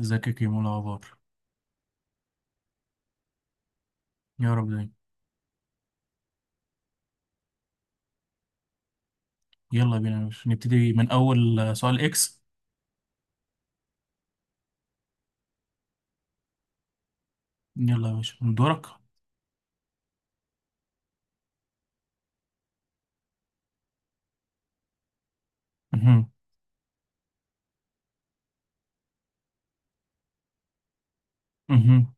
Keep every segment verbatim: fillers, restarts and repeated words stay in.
ازيك يا كيمو؟ إيه الاخبار. يا رب دايما. يلا بينا يا باشا نبتدي من اول آه، سؤال اكس. يلا يا باشا من دورك. مهم. مهم.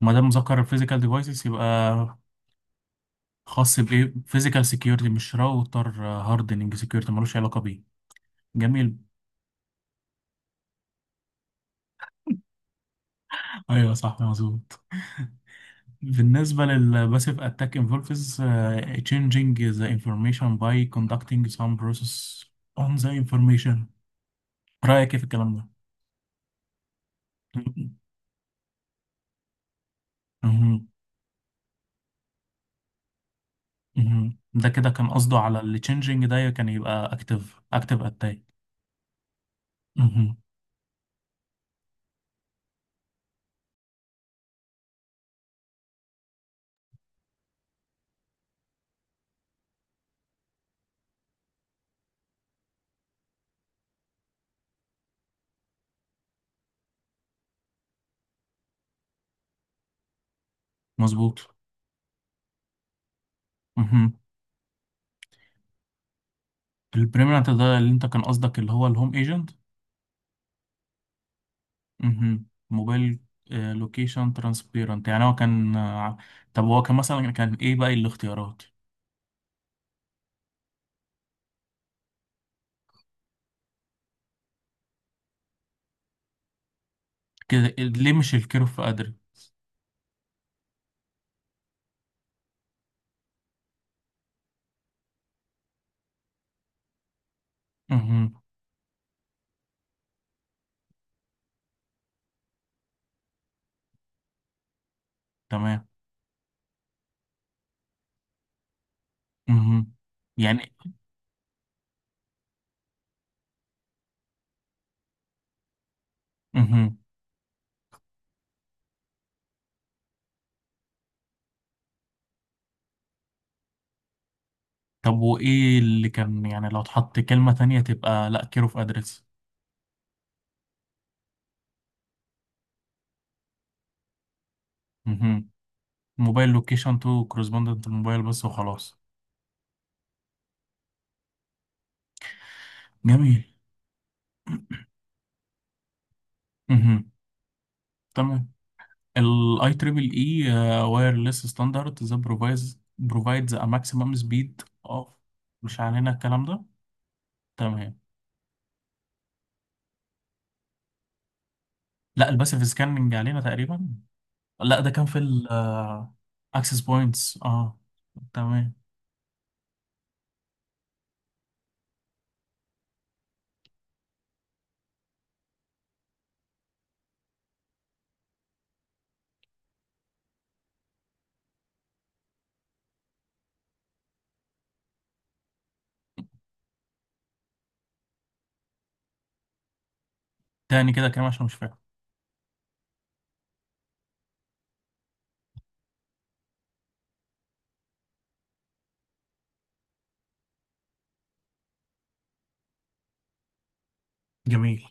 ما دام ذكر فيزيكال ديفايسز يبقى خاص بايه، فيزيكال سكيورتي، مش راوتر هاردنج سكيورتي، ملوش علاقه بيه. جميل. ايوه صح مظبوط. بالنسبه للباسيف اتاك انفولفز changing the information by conducting some process on the information، رايك إيه في الكلام ده؟ مهم. ده كده كان قصده على اللي changing ده كان يبقى active active attack. مهم. مظبوط. مهم. البريمننت ده اللي انت كان قصدك اللي هو الهوم ايجنت. مهم. موبايل لوكيشن ترانسبيرنت، يعني هو كان آه، طب هو كان مثلا كان ايه بقى الاختيارات؟ كده ليه مش الكيرف ادري؟ مهم. تمام. مهم. يعني. مهم. طب وايه اللي كان، يعني لو اتحط كلمة تانية تبقى لا كيرف ادرس؟ موبايل لوكيشن تو كورسبوندنت الموبايل بس وخلاص. جميل. مهم. تمام. الاي تريبل اي وايرلس ستاندرد ذا بروفايز بروفايدز ا ماكسيمم سبيد اوف. مش علينا الكلام ده. تمام. لا الباسيف سكاننج علينا تقريبا، لا ده كان في ال اكسس بوينتس. اه access points. آه. تمام. تاني كده كلام عشان مش فاهم. جميل.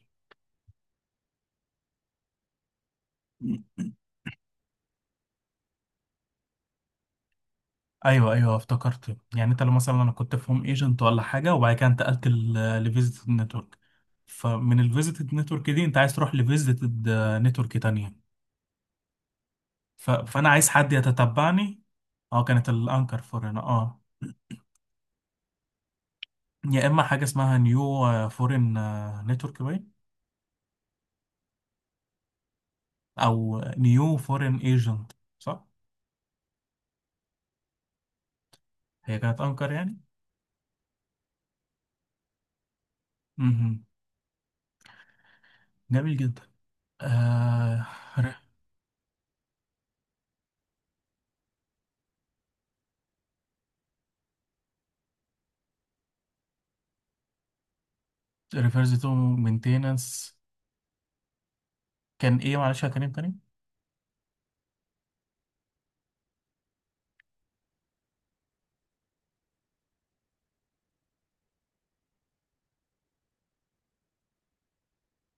ايوه ايوه افتكرت، يعني انت لو مثلا انا كنت في هوم ايجنت ولا حاجه، وبعد كده انتقلت لفيزيتد نتورك، فمن الفيزيتد نتورك دي انت عايز تروح لفيزيتد نتورك تانية. ف... فانا عايز حد يتتبعني. اه كانت الانكر فورين اه، يا اما حاجه اسمها نيو فورين نتورك باين، او نيو فورين ايجنت، صح؟ هي كانت انكر يعني. امم. جميل جدا. آه... ريفرز تو مينتيننس. كان ايه معلش يا كريم تاني؟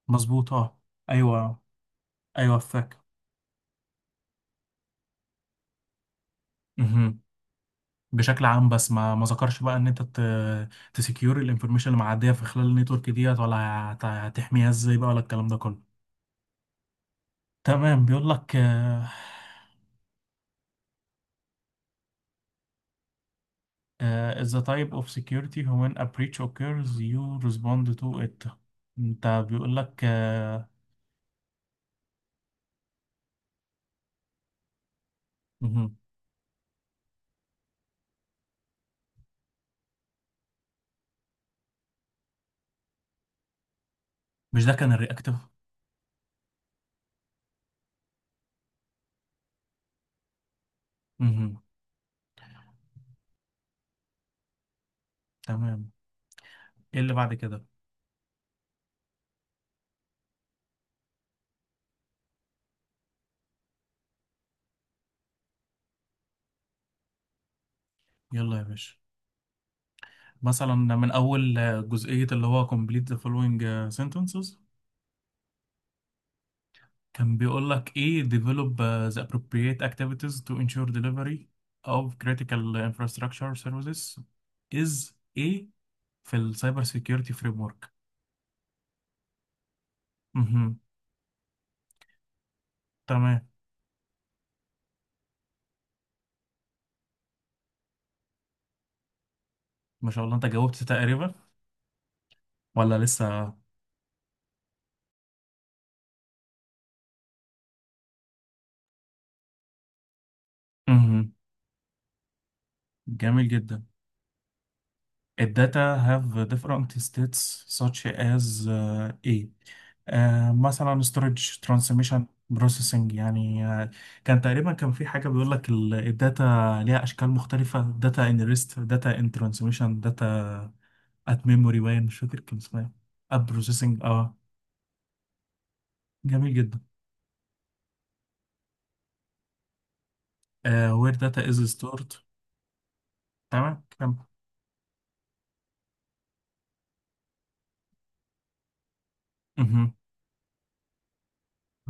مظبوط اه. ايوه. ايوه فاك. مهم. بشكل عام، بس ما ما ذكرش بقى ان انت تسكيور الانفورميشن اللي معديه في خلال النيتورك ديت، ولا هت- هتحميها ازاي بقى، ولا الكلام ده كله. تمام. بيقول لك آه، آه، is the type of security when a breach occurs you respond to it. انت بيقول لك آه، مهم. مش ده كان الرياكتيف؟ مهم. تمام. ايه اللي بعد كده؟ يلا يا باشا. مثلا من اول آه، جزئيه اللي هو complete the following آه، sentences. كان بيقول لك ايه، develop uh, the appropriate activities to ensure delivery of critical infrastructure services is ايه في السايبر سيكيورتي فريم ورك. تمام. ما شاء الله، انت جاوبت تقريبا ولا لسه؟ مهم. جميل جدا. الداتا have different states such as uh, A، آه، مثلا storage، transmission، processing، يعني آه، كان تقريبا كان في حاجة بيقول لك ال- الداتا ليها أشكال مختلفة، data in rest، data in transmission، data at memory. باين مش فاكر كان اسمها إيه. at processing اه. جميل جدا. آه، where data is stored. تمام كمل. مهم.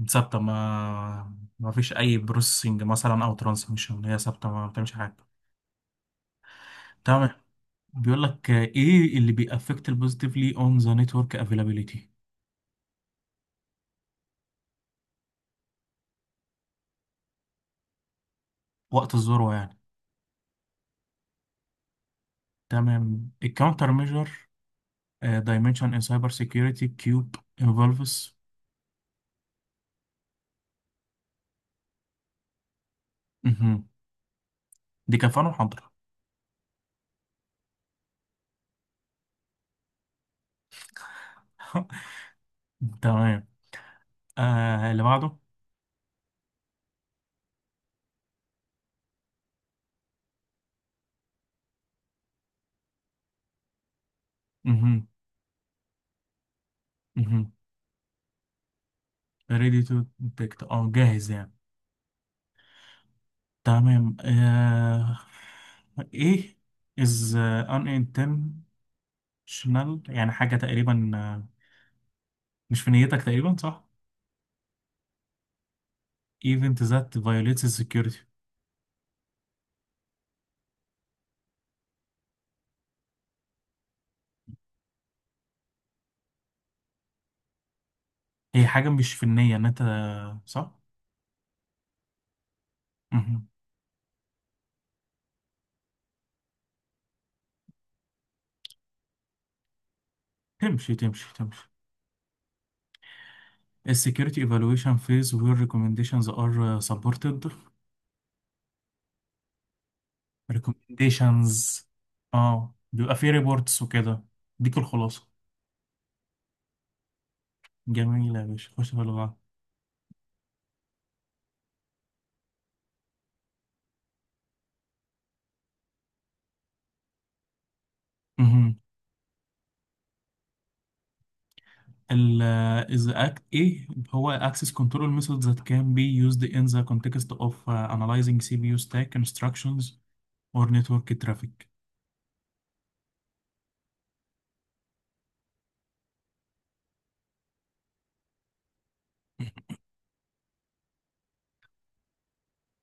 ثابتة، ما ما فيش أي بروسيسنج مثلا أو ترانسميشن. هي ثابتة ما بتعملش حاجة. تمام. بيقول لك آه، ايه اللي بيأفكت البوزيتيفلي اون ذا نتورك افيلابيليتي؟ وقت الذروه يعني. تمام. الكاونتر ميجر دايمنشن ان سايبر سيكيورتي كيوب انفولفس. دي كفانه محاضره. تمام. آه اللي بعده. مهم. مهم. ready to detect، اه جاهز يعني. تمام. آه ايه is uh, unintentional. يعني حاجة تقريبا آه، مش في نيتك تقريبا، صح؟ event that violates the security. هي حاجة مش فنية ان انت، صح؟ مهم. تمشي تمشي تمشي. السكيورتي ايفالويشن فيز وير ريكومنديشنز ار سبورتد. ريكومنديشنز، اه بيبقى فيه ريبورتس وكده. ديك الخلاصة. جميلة يا باشا، خش في اللي بعده. مهم. ال uh, is the act. ايه هو access control methods that can be used in the context of uh, analyzing سي بي يو stack instructions or network traffic؟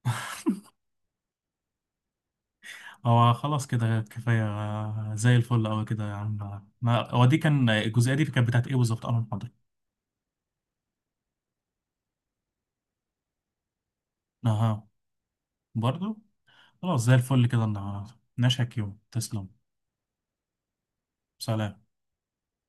هو خلاص كده كفاية، آه، زي الفل أوي كده يا عم. ما هو دي كان الجزئية، دي كانت بتاعت إيه بالظبط؟ أنا محاضرة أها برضو. خلاص زي الفل كده النهاردة، نشهك يوم، تسلم. سلام.